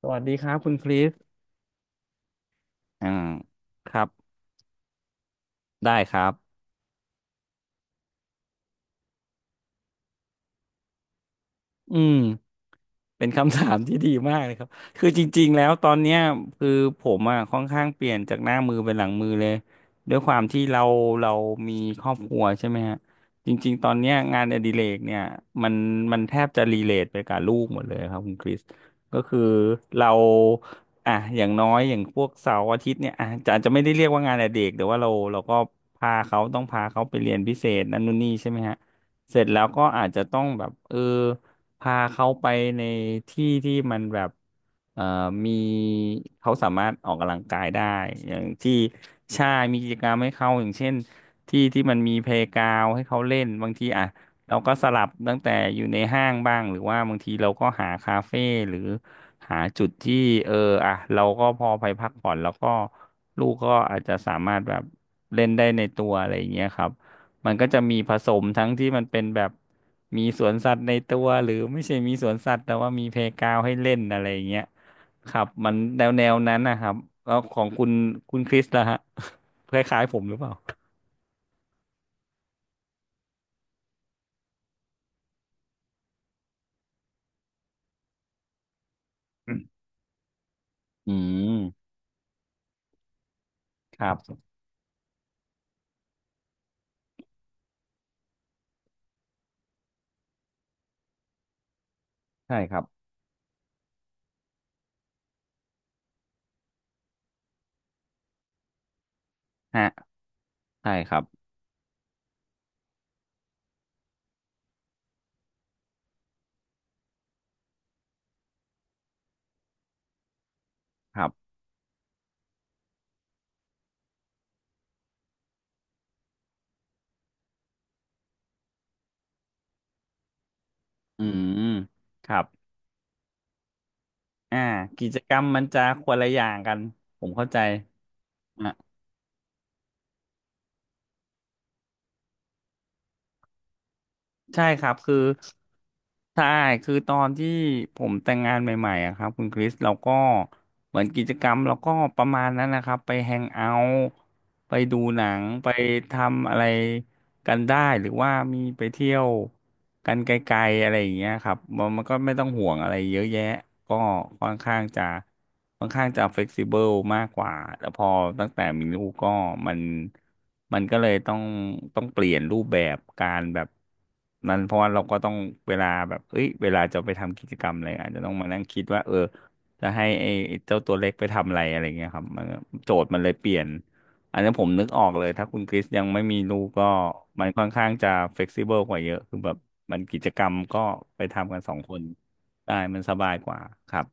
สวัสดีครับคุณคริสอ่าครับ ได้ครับอืม เป็นคำถามที่ดีมากเลยครับ คือจริงๆแล้วตอนเนี้ยคือผมอ่ะค่อนข้างเปลี่ยนจากหน้ามือเป็นหลังมือเลยด้วยความที่เราเรามีครอบครัวใช่ไหมฮะจริงๆตอนเนี้ยงานอดิเรกเนี่ยมันมันแทบจะรีเลทไปกับลูกหมดเลยครับคุณคริสก็คือเราอ่ะอย่างน้อยอย่างพวกเสาร์อาทิตย์เนี่ยอ่ะจะอาจจะไม่ได้เรียกว่างานอดิเรกแต่ว่าเราก็พาเขาต้องพาเขาไปเรียนพิเศษนั่นนู่นนี่ใช่ไหมฮะเสร็จแล้วก็อาจจะต้องแบบพาเขาไปในที่ที่มันแบบเอ่อมีเขาสามารถออกกำลังกายได้อย่างที่ใช่มีกิจกรรมให้เขาอย่างเช่นที่ที่มันมีเพลย์กราวให้เขาเล่น บางทีอ่ะเราก็สลับตั้งแต่อยู่ในห้างบ้างหรือว่าบางทีเราก็หาคาเฟ่หรือหาจุดที่เอออ่ะเราก็พอไปพักผ่อนแล้วก็ลูกก็อาจจะสามารถแบบเล่นได้ในตัวอะไรอย่างเงี้ยครับ มันก็จะมีผสมทั้งที่มันเป็นแบบมีสวนสัตว์ในตัวหรือไม่ใช่มีสวนสัตว์แต่ว่ามีเพลย์กราวด์ให้เล่นอะไรอย่างเงี้ยครับมันแนวนั้นนะครับแล้วของคุณคุณคริสล่ะฮะ คล้ายๆผมหรือเปล่าอืมครับใช่ครับฮะใช่ครับครับอืมครับอ่ากิจกรรมมันจะคนละอย่างกันผมเข้าใจ ใช่ครับคือใช่คือตอนที่ผมแต่งงานใหม่ๆอะครับคุณคริสเราก็เหมือนกิจกรรมเราก็ประมาณนั้นนะครับไปแฮงเอาท์ไปดูหนังไปทำอะไร กันได้หรือว่ามีไปเที่ยวกันไกลๆอะไรอย่างเงี้ยครับมันก็ไม่ต้องห่วงอะไรเยอะแยะก็ค่อนข้างจะเฟกซิเบิลมากกว่าแต่พอตั้งแต่มีลูกก็มันมันก็เลยต้องเปลี่ยนรูปแบบการแบบนั้นเพราะว่าเราก็ต้องเวลาแบบเอ้ยเวลาจะไปทำกิจกรรมอะไรอาจจะต้องมานั่งคิดว่าเออจะให้ไอ้เจ้าตัวเล็กไปทำอะไรอะไรเงี้ยครับมันก็โจทย์มันเลยเปลี่ยน อันนี้ผมนึกออกเลยถ้าคุณคริสยังไม่มีลูกก็มันค่อนข้างจะเฟ e ซิเบิลกว่าเยอะคือแบบมันกิจกรรมก็ไปทำกันสองคนได้มันสบายกว่าครับ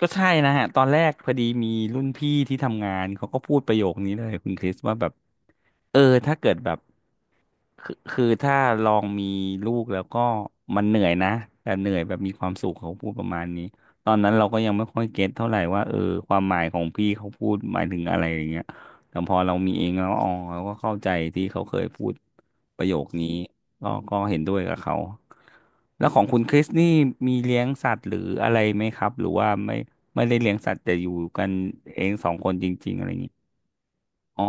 ก็ใช่นะฮะตอนแรกพอดีมีรุ่นพี่ที่ทำงานเขาก็พูดประโยคนี้เลยคุณคริสว่าแบบ เออถ้าเกิดแบบคือถ้าลองมีลูกแล้วก็มันเหนื่อยนะแต่เหนื่อยแบบมีความสุขเขาพูดประมาณนี้ตอนนั้นเราก็ยังไม่ค่อยเก็ตเท่าไหร่ว่าเออความหมายของพี่เขาพูดหมายถึงอะไรอย่างเงี้ยแต่พอเรามีเองแล้วอ๋อเราก็เข้าใจที่เขาเคยพูดประโยคนี้ก็เห็นด้วยกับเขาแล้วของคุณคริสนี่มีเลี้ยงสัตว์หรืออะไรไหมครับหรือว่าไม่ไม่ได้เลี้ยงสัตว์แต่อยู่กันเองสองคนจริงๆอะไรอย่างงี้อ๋อ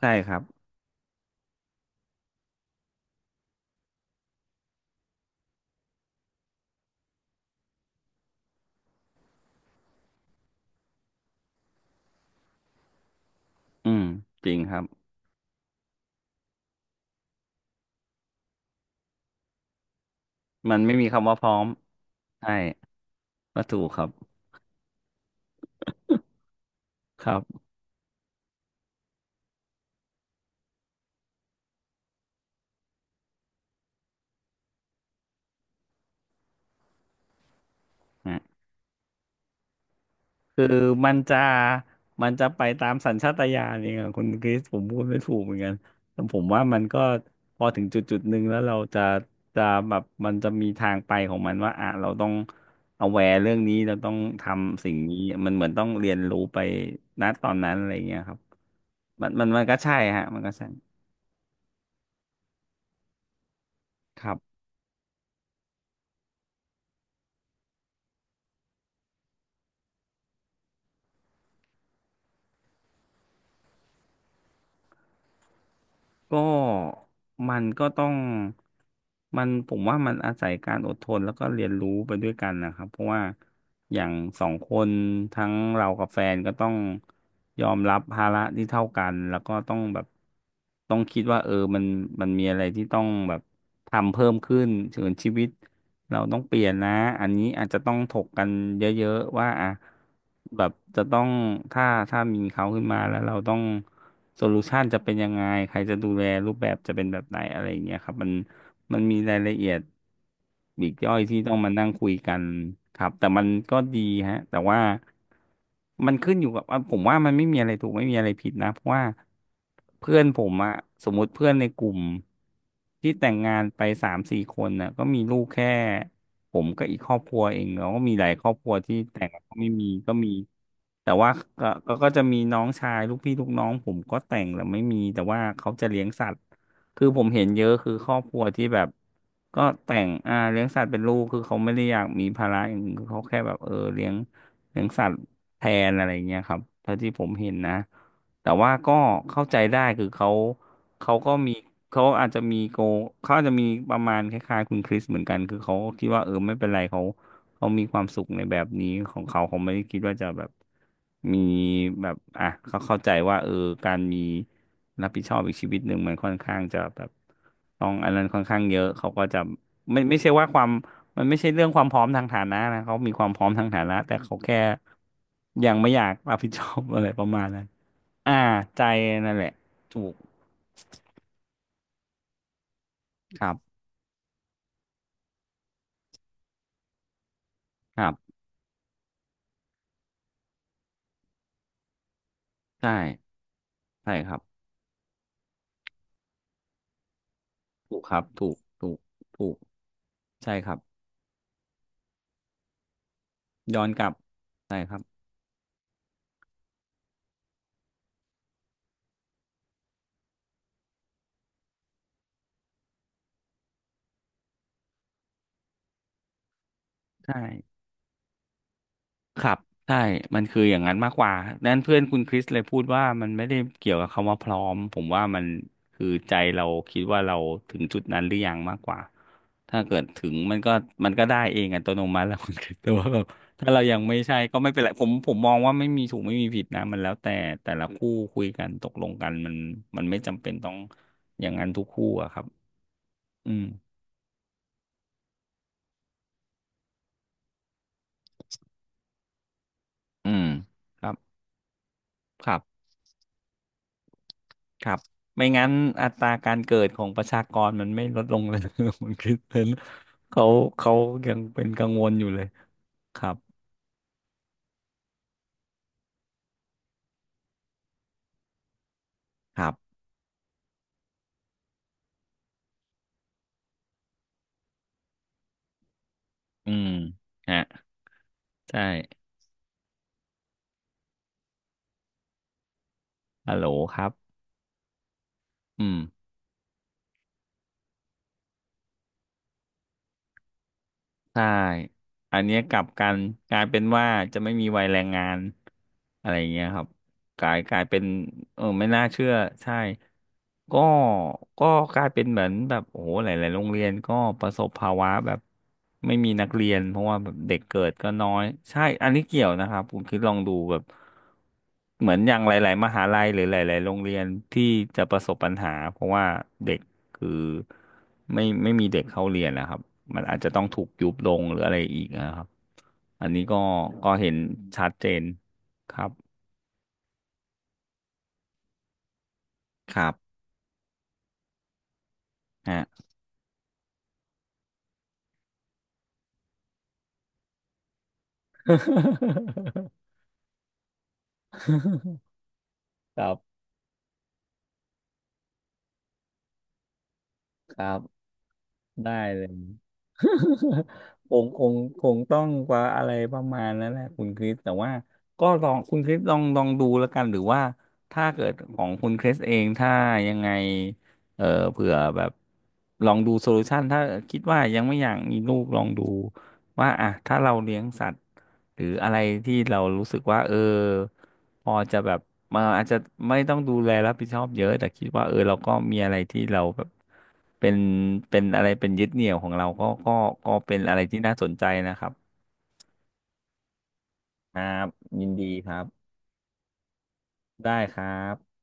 ใช่ครับ อืมจริงครับมันไม่มีคำว่าพร้อมใช่ก็ถูกครับครับฮะคือมันจะไปตามสัญชาตญาณเองอะคุณคริสผมพูดไม่ถูกเหมือนกันแต่ผมว่ามันก็พอถึงจุดจุดหนึ่งแล้วเราจะจะแบบมันจะมีทางไปของมันว่าอ่ะเราต้อง a แวร์เรื่องนี้เราต้องทำสิ่งนี้มันเหมือนต้องเรียนรู้ไปณตอนนั้นอะไรอย่างเงี้ยครับมันก็ใช่ฮะมันก็ใช่ครับ ก็มันก็ต้องผมว่ามันอาศัยการอดทนแล้วก็เรียนรู้ไปด้วยกันนะครับเพราะว่าอย่างสองคนทั้งเรากับแฟนก็ต้องยอมรับภาระที่เท่ากันแล้วก็ต้องแบบต้องคิดว่าเออมันมีอะไรที่ต้องแบบทำเพิ่มขึ้นถึงชีวิต เราต้องเปลี่ยนนะ อันนี้อาจจะต้องถกกันเยอะๆ ว่าอ่ะแบบจะต้องถ้ามีเขาขึ้นมาแล้วเราต้องโซลูชันจะเป็นยังไง ใครจะดูแลรูปแบบจะเป็นแบบไหนอะไรอย่างเงี้ยครับมัน มันมีรายละเอียดปลีกย่อยที่ต้องมานั่งคุยกันครับแต่มันก็ดีฮะแต่ว่ามันขึ้นอยู่กับว่าผมว่ามันไม่มีอะไรถูกไม่มีอะไรผิดนะเพราะว่าเพื่อนผมอะสมมุติเพื่อนในกลุ่มที่แต่งงานไปสามสี่คนน่ะก็มีลูกแค่ผมก็อีกครอบครัวเองแล้วก็มีหลายครอบครัวที่แต่งแล้วก็ไม่มีก็มีแต่ว่าก็จะมีน้องชายลูกพี่ลูกน้องผมก็แต่งแล้วไม่มีแต่ว่าเขาจะเลี้ยงสัตว์ คือผมเห็นเยอะคือครอบครัวที่แบบก็แต่งเลี้ยงสัตว์เป็นลูกคือเขาไม่ได้อยากมีภาระอย่างอื่นคือเขาแค่แบบเออเลี้ยงเลี้ยงสัตว์แทนอะไรเงี้ยครับเท่าที่ผมเห็นนะแต่ว่าก็เข้าใจได้คือเขาเขาก็มีเขาอาจจะมีโกเขาอาจจะมีประมาณคล้ายๆคุณคริสเหมือนกันคือเขาคิดว่าเออไม่เป็นไรเขา เขามีความสุขในแบบนี้ของเขาเขาไม่ได้คิดว่าจะแบบมีแบบอ่ะเขาเข้าใจว่าเออการมีรับผิดชอบอีกชีวิตหนึ่งมันค่อนข้างจะแบบต้องอันนั้นค่อนข้างเยอะเขาก็จะไม่ใช่ว่าความมันไม่ใช่เรื่องความพร้อมทางฐานะนะเขามีความพร้อมทางฐานะแต่เขาแค่ยังไม่อยากรับผิดชอบ อะไรประมาณนั้นอ่าใจนั่นแหละถูกครับครับใช่ใช่ครับถูกครับถูกถูกถูกใช่ครับย้อนกลับใช่ครับใช่ ครับใช่มันคืออย่างนั้นมากกว่านั้นเพื่อนคุณคริสเลยพูดว่ามันไม่ได้เกี่ยวกับคำว่าพร้อมผมว่ามันคือใจเราคิดว่าเราถึงจุดนั้นหรือยังมากกว่าถ้าเกิดถึงมันก็มันก็ได้เองอัตโนมัติแล้วคุณคริสแต่ว่าแบบถ้าเรายังไม่ใช่ก็ไม่เป็นไรผมมองว่าไม่มีถูกไม่มีผิดนะมันแล้วแต่แต่ละคู่คุยกันตกลงกันมันมันไม่จำเป็นต้องอย่างนั้นทุกคู่อะครับอืมอืมครับครับ ครับ ไม่งั้นอัตราการเกิดของประชากรมันไม่ลดลงเลย มันคือเพราะฉะนั้นเขาเขายังเป็นกังวลอยู่เลย ครับ ครับ อืมฮะใช่ฮัลโหลครับ อืม ใช่อันเนี้ยกลับกันกลายเป็นว่าจะไม่มีวัยแรงงานอะไรอย่างเงี้ยครับกลายกลายเป็นเออไม่น่าเชื่อใช่ก็ก็กลายเป็นเหมือนแบบโอ้โหหลายๆโรงเรียนก็ประสบภาวะแบบไม่มีนักเรียนเพราะว่าแบบเด็กเกิดก็น้อยใช่อันนี้เกี่ยวนะครับคุณคิดลองดูแบบ เหมือนอย่างหลายๆมหาลัยหรือหลายๆโรงเรียนที่จะประสบปัญหาเพราะว่าเด็กคือไม่มีเด็กเข้าเรียนนะครับมันอาจจะต้องถูกยุบลงหรืออะไรอีกนะครับอันนี้ก็ก็เห็นชัดเจนครับครับฮะ ครับครับ ได้เลย ผมคงคงต้องว่าอะไรประมาณนั้นแหละคุณคริส แต่ว่าก็ลองคุณคริสลองดูแล้วกันหรือว่าถ้าเกิดของคุณคริสเองถ้ายังไงเออเผื่อแบบลองดูโซลูชันถ้าคิดว่ายังไม่อยากมีลูกลองดู ว่าอ่ะถ้าเราเลี้ยงสัตว์หรืออะไรที่เรารู้สึกว่าเออพอจะแบบมาอาจจะไม่ต้องดูแลรับผิดชอบเยอะแต่คิดว่าเออเราก็มีอะไรที่เราแบบเป็นเป็นอะไรเป็นยึดเหนี่ยวของเราก็ก็เป็นอะไรที่น่าสนใจนะครับครับยินดีครับได้ครับ